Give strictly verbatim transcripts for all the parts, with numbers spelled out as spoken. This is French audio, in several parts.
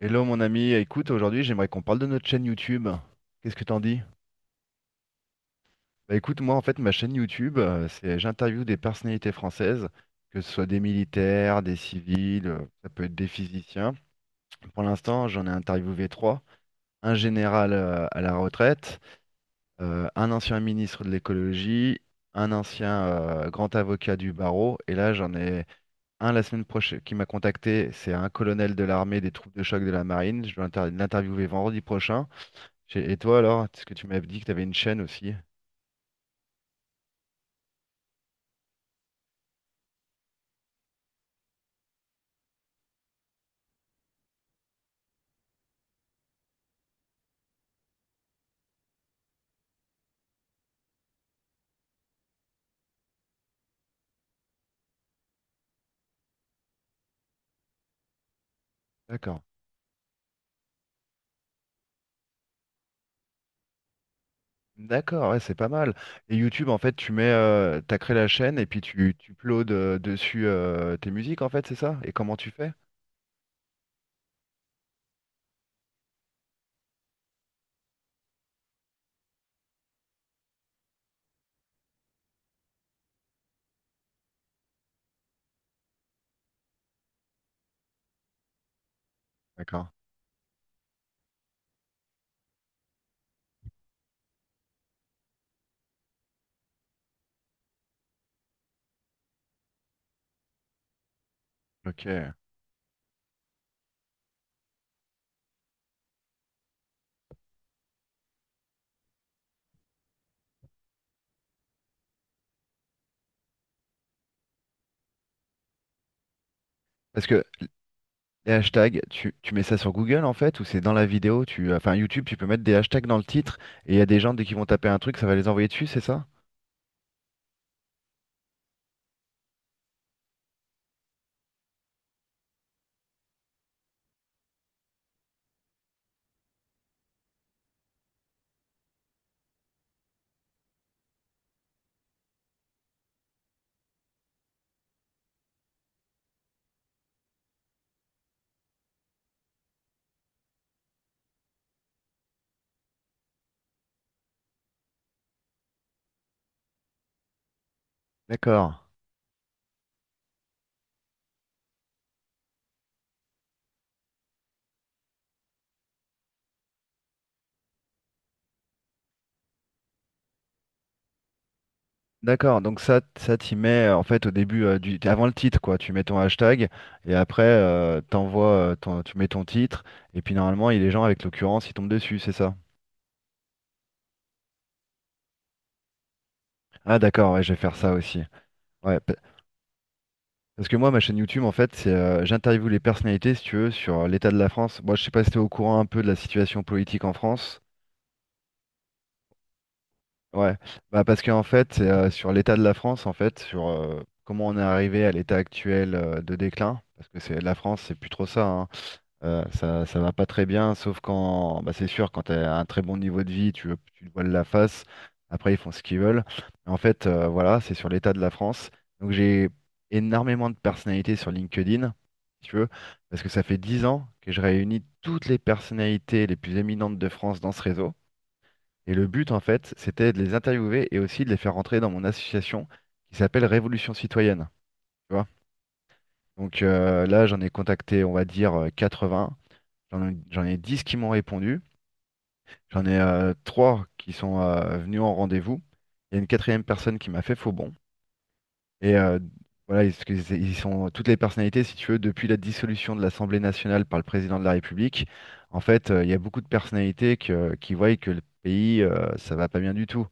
Hello mon ami, écoute, aujourd'hui j'aimerais qu'on parle de notre chaîne YouTube. Qu'est-ce que t'en dis? Bah écoute, moi en fait ma chaîne YouTube, euh, c'est j'interviewe des personnalités françaises, que ce soit des militaires, des civils, euh, ça peut être des physiciens. Pour l'instant j'en ai interviewé trois, un général euh, à la retraite, euh, un ancien ministre de l'écologie, un ancien euh, grand avocat du barreau, et là j'en ai un la semaine prochaine qui m'a contacté, c'est un colonel de l'armée des troupes de choc de la marine, je dois inter- l'interviewer vendredi prochain. Chez- Et toi alors, est-ce que tu m'as dit que tu avais une chaîne aussi? D'accord. D'accord, ouais, c'est pas mal. Et YouTube, en fait, tu mets, euh, t'as créé la chaîne et puis tu, tu uploades euh, dessus euh, tes musiques, en fait, c'est ça? Et comment tu fais? D'accord. Ok. Parce que les hashtags, tu, tu mets ça sur Google, en fait, ou c'est dans la vidéo, tu, enfin, YouTube, tu peux mettre des hashtags dans le titre et il y a des gens, dès qu'ils vont taper un truc, ça va les envoyer dessus, c'est ça? D'accord. D'accord, donc ça, ça t'y mets euh, en fait au début, euh, du, avant le titre, quoi. Tu mets ton hashtag et après euh, t'envoies, euh, ton- tu mets ton titre et puis normalement il- les gens avec l'occurrence ils tombent dessus, c'est ça? Ah d'accord, ouais, je vais faire ça aussi. Ouais, pa- parce que moi ma chaîne YouTube en fait c'est euh, j'interviewe les personnalités si tu veux sur euh, l'état de la France. Moi je sais pas si t'es au courant un peu de la situation politique en France. Ouais, bah parce qu'en fait c'est euh, sur l'état de la France en fait sur euh, comment on est arrivé à l'état actuel euh, de déclin parce que c'est la France c'est plus trop ça, hein. Euh, ça, ça va pas très bien, sauf quand, bah, c'est sûr, quand tu as un très bon niveau de vie, tu, veux- tu te voiles la face. Après, ils font ce qu'ils veulent. En fait, euh, voilà, c'est sur l'état de la France. Donc, j'ai énormément de personnalités sur LinkedIn, si tu veux, parce que ça fait dix ans que je réunis toutes les personnalités les plus éminentes de France dans ce réseau. Et le but, en fait, c'était de les interviewer et aussi de les faire rentrer dans mon association qui s'appelle Révolution Citoyenne, tu vois. Donc euh, là, j'en ai contacté, on va dire, euh, quatre-vingts. J'en ai, j'en ai dix qui m'ont répondu. J'en ai euh, trois qui sont euh, venus en rendez-vous. Il y a une quatrième personne qui m'a fait faux bon. Et euh, voilà, ils, parce que c'est- ils sont toutes les personnalités, si tu veux, depuis la dissolution de l'Assemblée nationale par le président de la République. En fait, euh, il y a beaucoup de personnalités que- qui voient que le pays, euh, ça va pas bien du tout.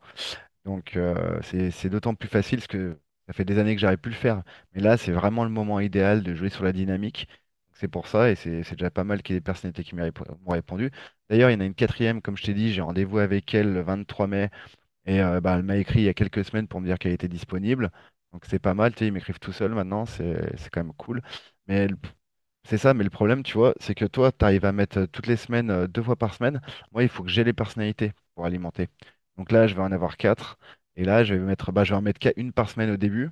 Donc euh, c'est c'est d'autant plus facile parce que ça fait des années que j'arrive plus le faire. Mais là, c'est vraiment le moment idéal de jouer sur la dynamique. Donc, c'est pour ça et c'est c'est déjà pas mal qu'il y ait des personnalités qui m'y répo- m'ont répondu. D'ailleurs, il y en a une quatrième, comme je t'ai dit, j'ai rendez-vous avec elle le vingt-trois mai et euh, bah, elle m'a écrit il y a quelques semaines pour me dire qu'elle était disponible. Donc c'est pas mal, tu sais, ils m'écrivent tout seul maintenant, c'est c'est quand même cool. Mais le- c'est ça, mais le problème, tu vois, c'est que toi, tu arrives à mettre euh, toutes les semaines, euh, deux fois par semaine. Moi, il faut que j'ai les personnalités pour alimenter. Donc là, je vais en avoir quatre. Et là, je vais mettre, bah, je vais en mettre qu'à une par semaine au début.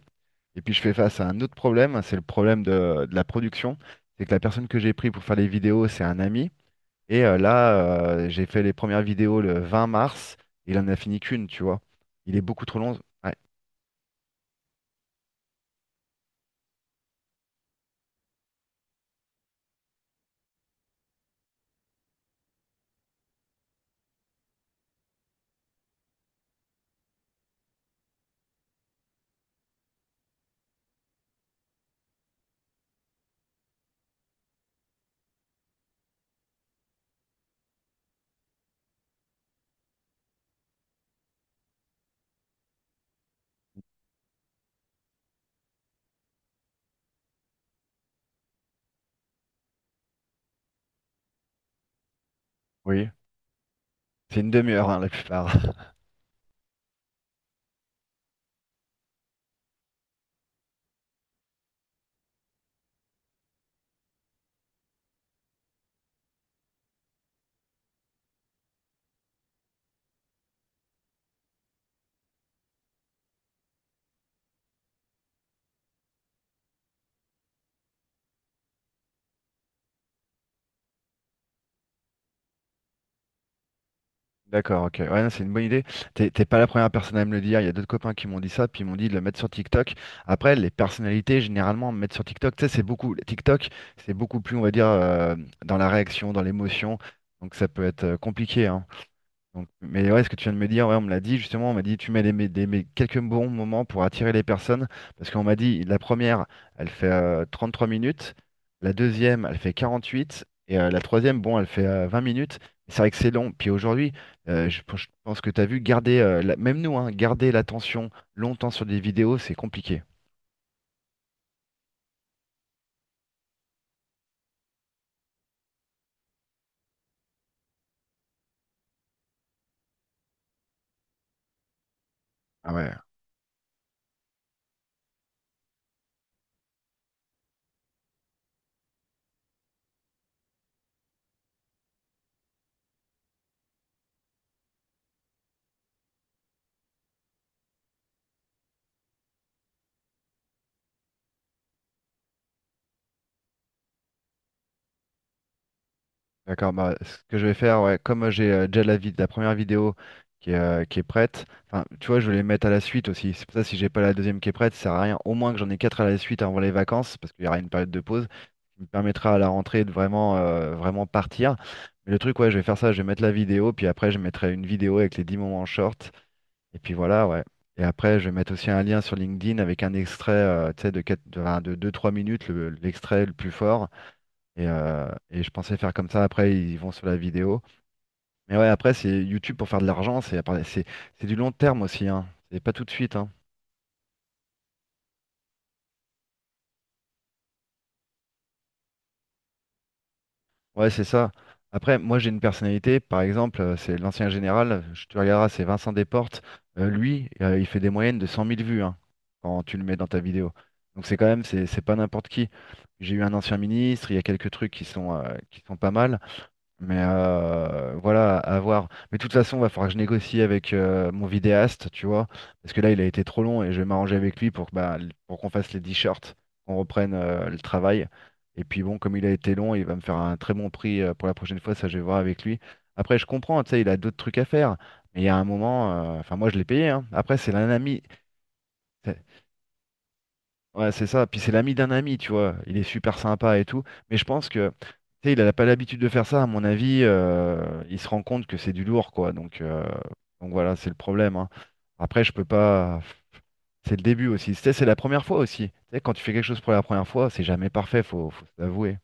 Et puis, je fais face à un autre problème, c'est le problème de, de la production. C'est que la personne que j'ai pris pour faire les vidéos, c'est un ami. Et euh, là, euh, j'ai fait les premières vidéos le vingt mars. Il en a fini qu'une, tu vois. Il est beaucoup trop long. Ouais, oui. C'est une demi-heure, hein, la plupart. D'accord, ok. Ouais, non, c'est une bonne idée. T'es t'es pas la première personne à me le dire. Il y a d'autres copains qui m'ont dit ça, puis ils m'ont dit de le mettre sur TikTok. Après, les personnalités, généralement, me mettre sur TikTok, tu sais, c'est beaucoup. TikTok, c'est beaucoup plus, on va dire, euh, dans la réaction, dans l'émotion. Donc ça peut être euh, compliqué, hein. Donc, mais ouais, ce que tu viens de me dire, ouais, on me l'a dit justement, on m'a dit tu mets les, mé- des mé- quelques bons moments pour attirer les personnes, parce qu'on m'a dit la première, elle fait euh, trois minutes, la deuxième, elle fait quarante huit et euh, la troisième, bon, elle fait euh, vingt minutes. C'est vrai que c'est long. Puis aujourd'hui, euh, je, je pense que tu as vu, garder, euh, la- même nous, hein, garder l'attention longtemps sur des vidéos, c'est compliqué. Ah ouais. D'accord, bah, ce que je vais faire, ouais, comme euh, j'ai euh, déjà la, vid- la première vidéo qui est, euh, qui est prête, enfin, tu vois, je vais les mettre à la suite aussi. C'est pour ça, si j'ai pas la deuxième qui est prête, ça sert à rien. Au moins que j'en ai quatre à la suite avant les vacances, parce qu'il y aura une période de pause, qui me permettra à la rentrée de vraiment, euh, vraiment partir. Mais le truc, ouais, je vais faire ça, je vais mettre la vidéo, puis après, je mettrai une vidéo avec les dix moments short, et puis voilà, ouais. Et après, je vais mettre aussi un lien sur LinkedIn avec un extrait, euh, tu sais, de quatre, de enfin, de deux, trois minutes, le- l'extrait le plus fort. Et, euh, et je pensais faire comme ça, après ils vont sur la vidéo. Mais ouais, après c'est YouTube pour faire de l'argent, c'est c'est- c'est du long terme aussi, hein. C'est pas tout de suite, hein. Ouais, c'est ça. Après, moi j'ai une personnalité, par exemple, euh, c'est l'ancien général, je te regarderas, c'est Vincent Desportes. Euh, lui, euh, il fait des moyennes de cent mille vues, hein, quand tu le mets dans ta vidéo. Donc c'est quand même, c'est c'est pas n'importe qui. J'ai eu un ancien ministre, il y a quelques trucs qui sont, euh, qui sont pas mal. Mais euh, voilà, à voir. Mais de toute façon, va falloir que je négocie avec euh, mon vidéaste, tu vois, parce que là, il a été trop long et je vais m'arranger avec lui pour que, bah, l- pour qu'on fasse les t-shirts, qu'on reprenne euh, le travail. Et puis bon, comme il a été long, il va me faire un très bon prix euh, pour la prochaine fois, ça je vais voir avec lui. Après, je comprends, tu sais, il a d'autres trucs à faire, mais il y a un moment, euh, enfin moi je l'ai payé, hein. Après, c'est un ami, Ouais, c'est ça. Puis c'est l'ami d'un ami, tu vois. Il est super sympa et tout. Mais je pense que, tu sais, il n'a pas l'habitude de faire ça. À mon avis, euh, il se rend compte que c'est du lourd, quoi. Donc, euh, donc voilà, c'est le problème, hein. Après, je peux pas. C'est le début aussi. Tu sais, c'est la première fois aussi. Tu sais, quand tu fais quelque chose pour la première fois, c'est jamais parfait, faut, faut se l'avouer.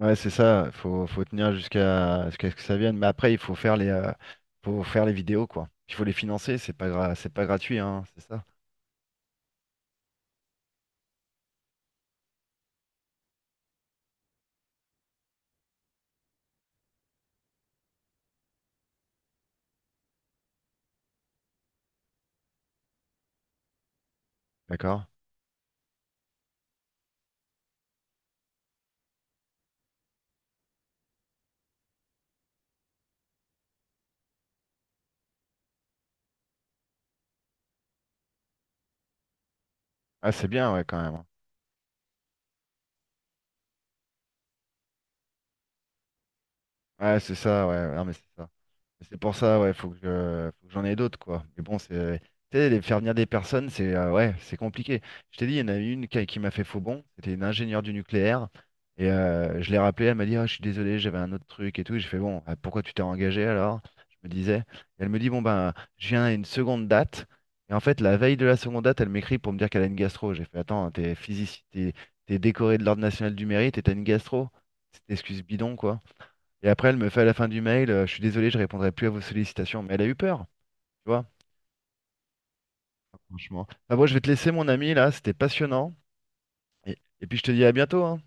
Ouais, c'est ça. Faut, faut tenir jusqu'à jusqu'à ce que ça vienne. Mais après, il faut faire les, euh, faut faire les vidéos, quoi. Il faut les financer. C'est pas gra- c'est pas gratuit, hein. C'est ça. D'accord? Ah, c'est bien, ouais, quand même. Ouais, c'est ça, ouais, ouais, non, mais c'est ça. Mais c'est pour ça, ouais, faut que je- faut que j'en ai d'autres, quoi. Mais bon, c'est, tu sais, les faire venir des personnes, c'est, euh, ouais, c'est compliqué. Je t'ai dit, il y en a eu une qui, qui m'a fait faux bond. C'était une ingénieure du nucléaire. Et euh, je l'ai rappelée, elle m'a dit, ah, je suis désolé, j'avais un autre truc et tout. Et j'ai fait, bon, ah, pourquoi tu t'es engagé alors? Je me disais. Et elle me dit, bon, ben, je viens à une seconde date. Et en fait, la veille de la seconde date, elle m'écrit pour me dire qu'elle a une gastro. J'ai fait, attends, t'es physicien, t'es t'es décoré de l'Ordre national du mérite et t'as une gastro. C'est une excuse bidon, quoi. Et après, elle me fait à la fin du mail, euh, je suis désolé, je répondrai plus à vos sollicitations. Mais elle a eu peur, tu vois, franchement. Enfin bon, je vais te laisser, mon ami, là, c'était passionnant. Et, et puis je te dis à bientôt, hein.